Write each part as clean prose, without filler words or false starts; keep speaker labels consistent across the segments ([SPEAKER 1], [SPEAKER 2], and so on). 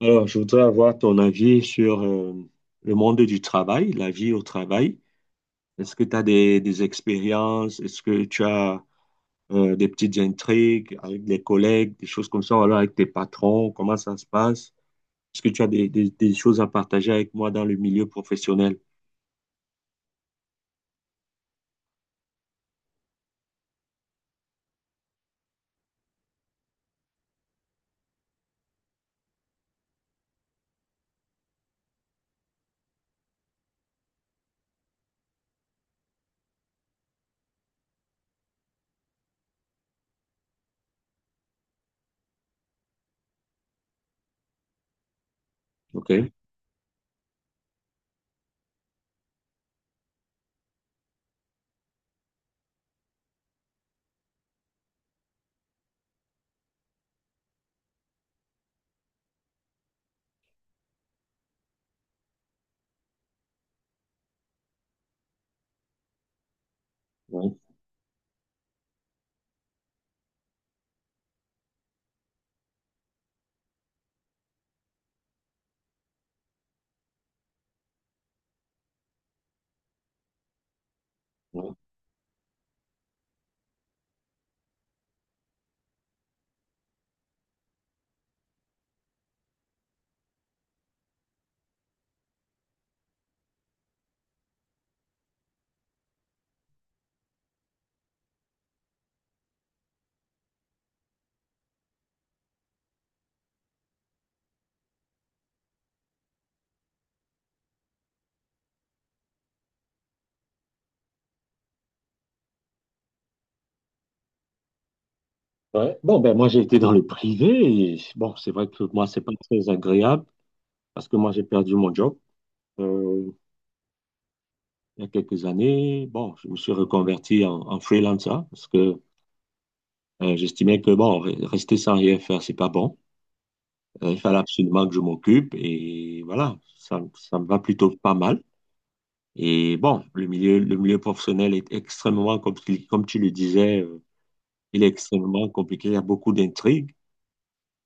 [SPEAKER 1] Alors, je voudrais avoir ton avis sur le monde du travail, la vie au travail. Est-ce que tu as des expériences? Est-ce que tu as des petites intrigues avec des collègues, des choses comme ça, ou alors avec tes patrons? Comment ça se passe? Est-ce que tu as des choses à partager avec moi dans le milieu professionnel? OK. Ouais, ouais. Ouais. Bon, ben moi, j'ai été dans le privé, et bon, c'est vrai que moi, c'est pas très agréable parce que moi, j'ai perdu mon job. Euh, il y a quelques années, bon, je me suis reconverti en freelancer parce que j'estimais que bon, rester sans rien faire, c'est pas bon. Il fallait absolument que je m'occupe et voilà, ça me va plutôt pas mal. Et bon, le milieu professionnel est extrêmement compliqué, comme tu le disais, il est extrêmement compliqué. Il y a beaucoup d'intrigues.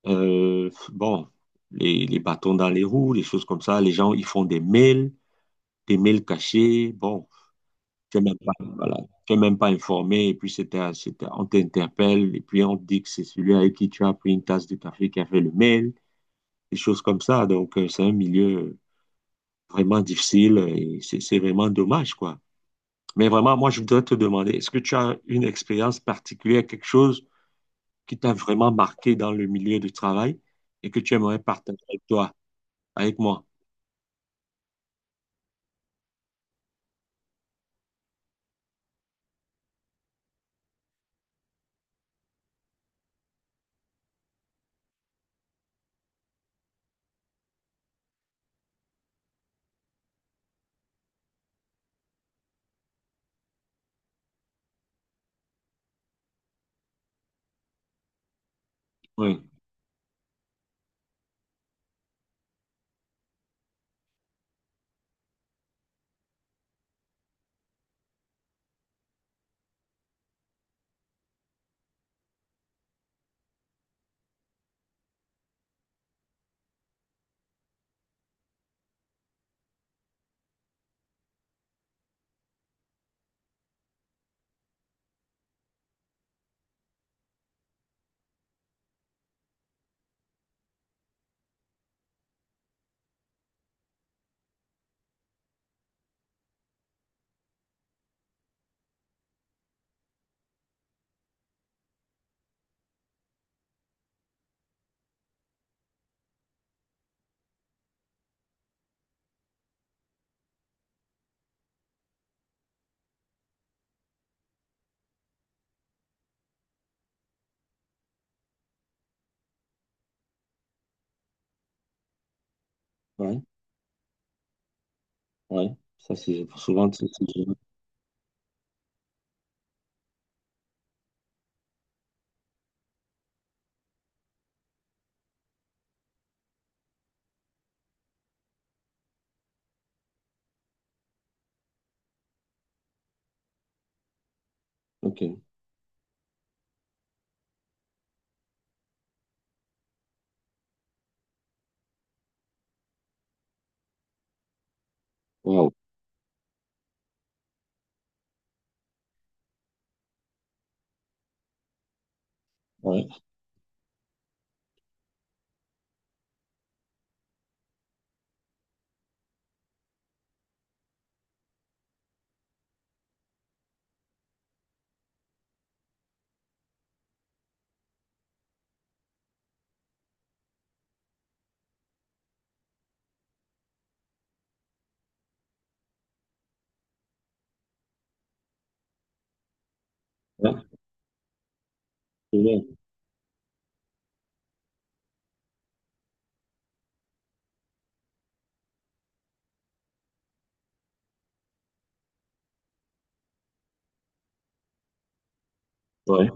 [SPEAKER 1] Euh, bon, les bâtons dans les roues, les choses comme ça. Les gens, ils font des mails cachés. Bon, tu n'es même pas, voilà, tu n'es même pas informé, et puis c'était, on t'interpelle, et puis on te dit que c'est celui avec qui tu as pris une tasse de café qui a fait le mail, des choses comme ça. Donc, c'est un milieu vraiment difficile et c'est vraiment dommage, quoi. Mais vraiment, moi, je voudrais te demander, est-ce que tu as une expérience particulière, quelque chose qui t'a vraiment marqué dans le milieu du travail et que tu aimerais partager avec toi, avec moi? Oui, oui, oui. Ça, c'est souvent, Ok. Wow. Ouais. Ouais. C'est bien. Ouais.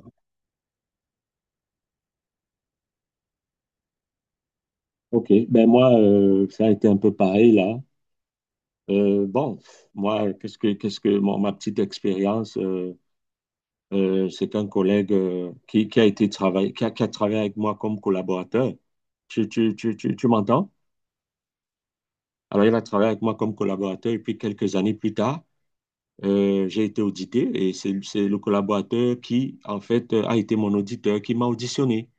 [SPEAKER 1] Ok, ben moi, ça a été un peu pareil là. Euh, bon, Moi, qu'est-ce que ma petite expérience, c'est qu'un collègue qui a été travaillé, qui a travaillé avec moi comme collaborateur. Tu m'entends? Alors, il a travaillé avec moi comme collaborateur et puis quelques années plus tard, j'ai été audité et c'est le collaborateur qui, en fait, a été mon auditeur qui m'a auditionné.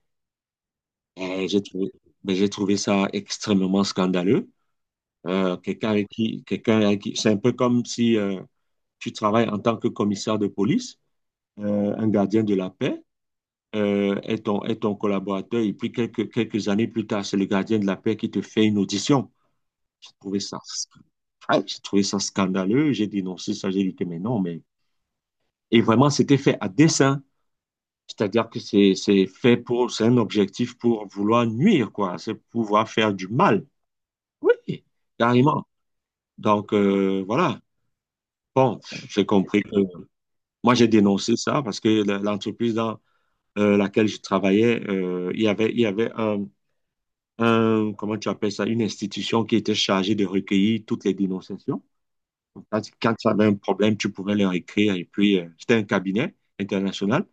[SPEAKER 1] Et ben, j'ai trouvé ça extrêmement scandaleux. Quelqu'un avec qui, quelqu'un avec qui, c'est un peu comme si tu travailles en tant que commissaire de police, un gardien de la paix est ton collaborateur, et puis quelques années plus tard, c'est le gardien de la paix qui te fait une audition. J'ai trouvé ça, j'ai trouvé ça scandaleux, j'ai dénoncé ça, j'ai dit que mais non, mais. Et vraiment, c'était fait à dessein. C'est fait pour, c'est un objectif pour vouloir nuire, quoi. C'est pouvoir faire du mal. Oui, carrément. Donc, voilà. Bon, j'ai compris que moi, j'ai dénoncé ça parce que l'entreprise dans laquelle je travaillais, il y avait comment tu appelles ça, une institution qui était chargée de recueillir toutes les dénonciations. Quand tu avais un problème, tu pouvais leur écrire. Et puis, c'était un cabinet international.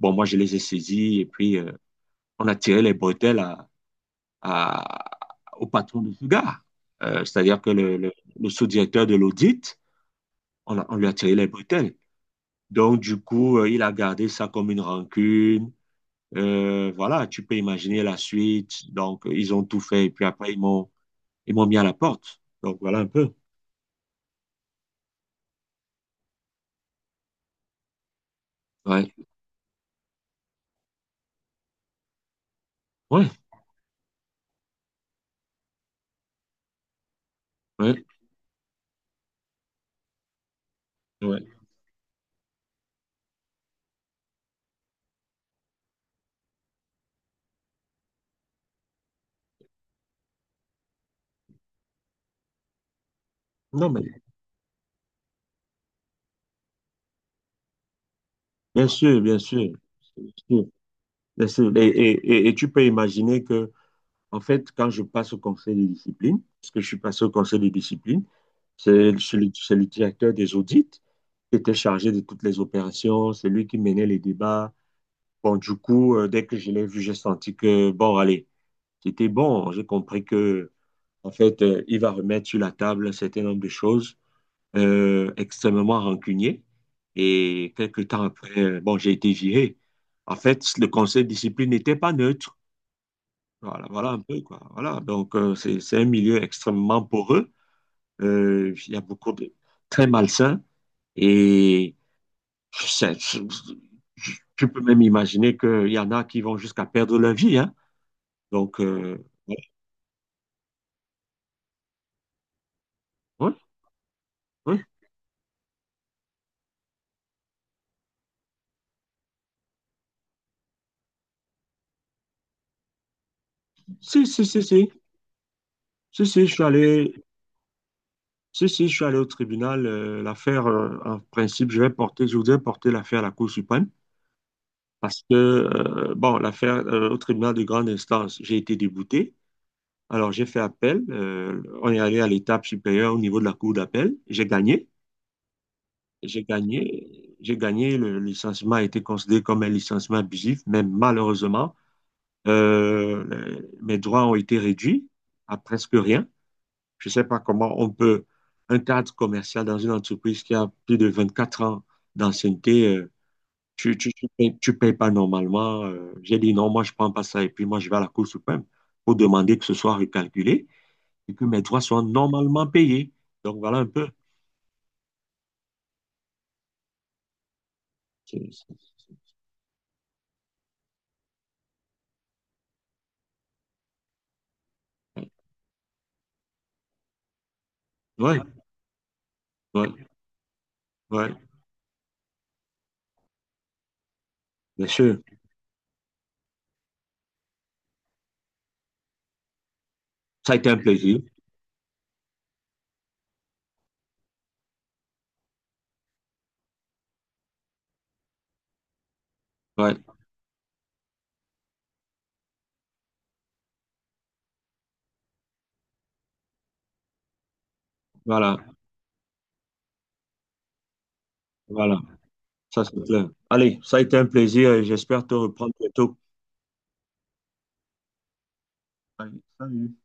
[SPEAKER 1] Bon, moi, je les ai saisis et puis on a tiré les bretelles à- au patron de ce gars. C'est-à-dire que le sous-directeur de l'audit, on lui a tiré les bretelles. Donc, du coup, il a gardé ça comme une rancune. Voilà, tu peux imaginer la suite. Donc, ils ont tout fait. Et puis après, ils m'ont mis à la porte. Donc, voilà un peu. Ouais, ouais, ouais, ouais. Non, mais bien sûr, bien sûr. Bien sûr, bien sûr. Et tu peux imaginer que, en fait, quand je passe au conseil des disciplines, parce que je suis passé au conseil des disciplines, c'est le directeur des audits qui était chargé de toutes les opérations. C'est lui qui menait les débats. Bon, du coup, dès que je l'ai vu, j'ai senti que, bon, allez. C'était bon. J'ai compris que, en fait, il va remettre sur la table un certain nombre de choses extrêmement rancunier. Et quelques temps après, bon, j'ai été viré. En fait, le conseil de discipline n'était pas neutre. Voilà, voilà un peu, quoi. Voilà. Donc, c'est un milieu extrêmement poreux. Il y a beaucoup de très malsains. Et c'est- tu peux même imaginer qu'il y en a qui vont jusqu'à perdre leur vie, hein. Donc, ouais, ouais, ouais. Si, si, si, si. Si, si, je suis allé, Si, si, je suis allé au tribunal. L'affaire, en principe, je vais porter, je voudrais porter l'affaire à la Cour suprême parce que, bon, l'affaire au tribunal de grande instance, j'ai été débouté. Alors, j'ai fait appel. Euh, on est allé à l'étape supérieure au niveau de la Cour d'appel. J'ai gagné. J'ai gagné. J'ai gagné. Le licenciement a été considéré comme un licenciement abusif, mais malheureusement, mes droits ont été réduits à presque rien. Je ne sais pas comment on peut, un cadre commercial dans une entreprise qui a plus de 24 ans d'ancienneté, tu payes pas normalement. Euh, j'ai dit non, moi je prends pas ça et puis moi je vais à la Cour suprême pour demander que ce soit recalculé et que mes droits soient normalement payés. Donc voilà un peu. C'est- c'est- Ouais, ouais, ouais, bien sûr. Ça a été un plaisir. Ouais, voilà, voilà, ça c'est clair. Allez, ça a été un plaisir et j'espère te reprendre bientôt. Allez, salut.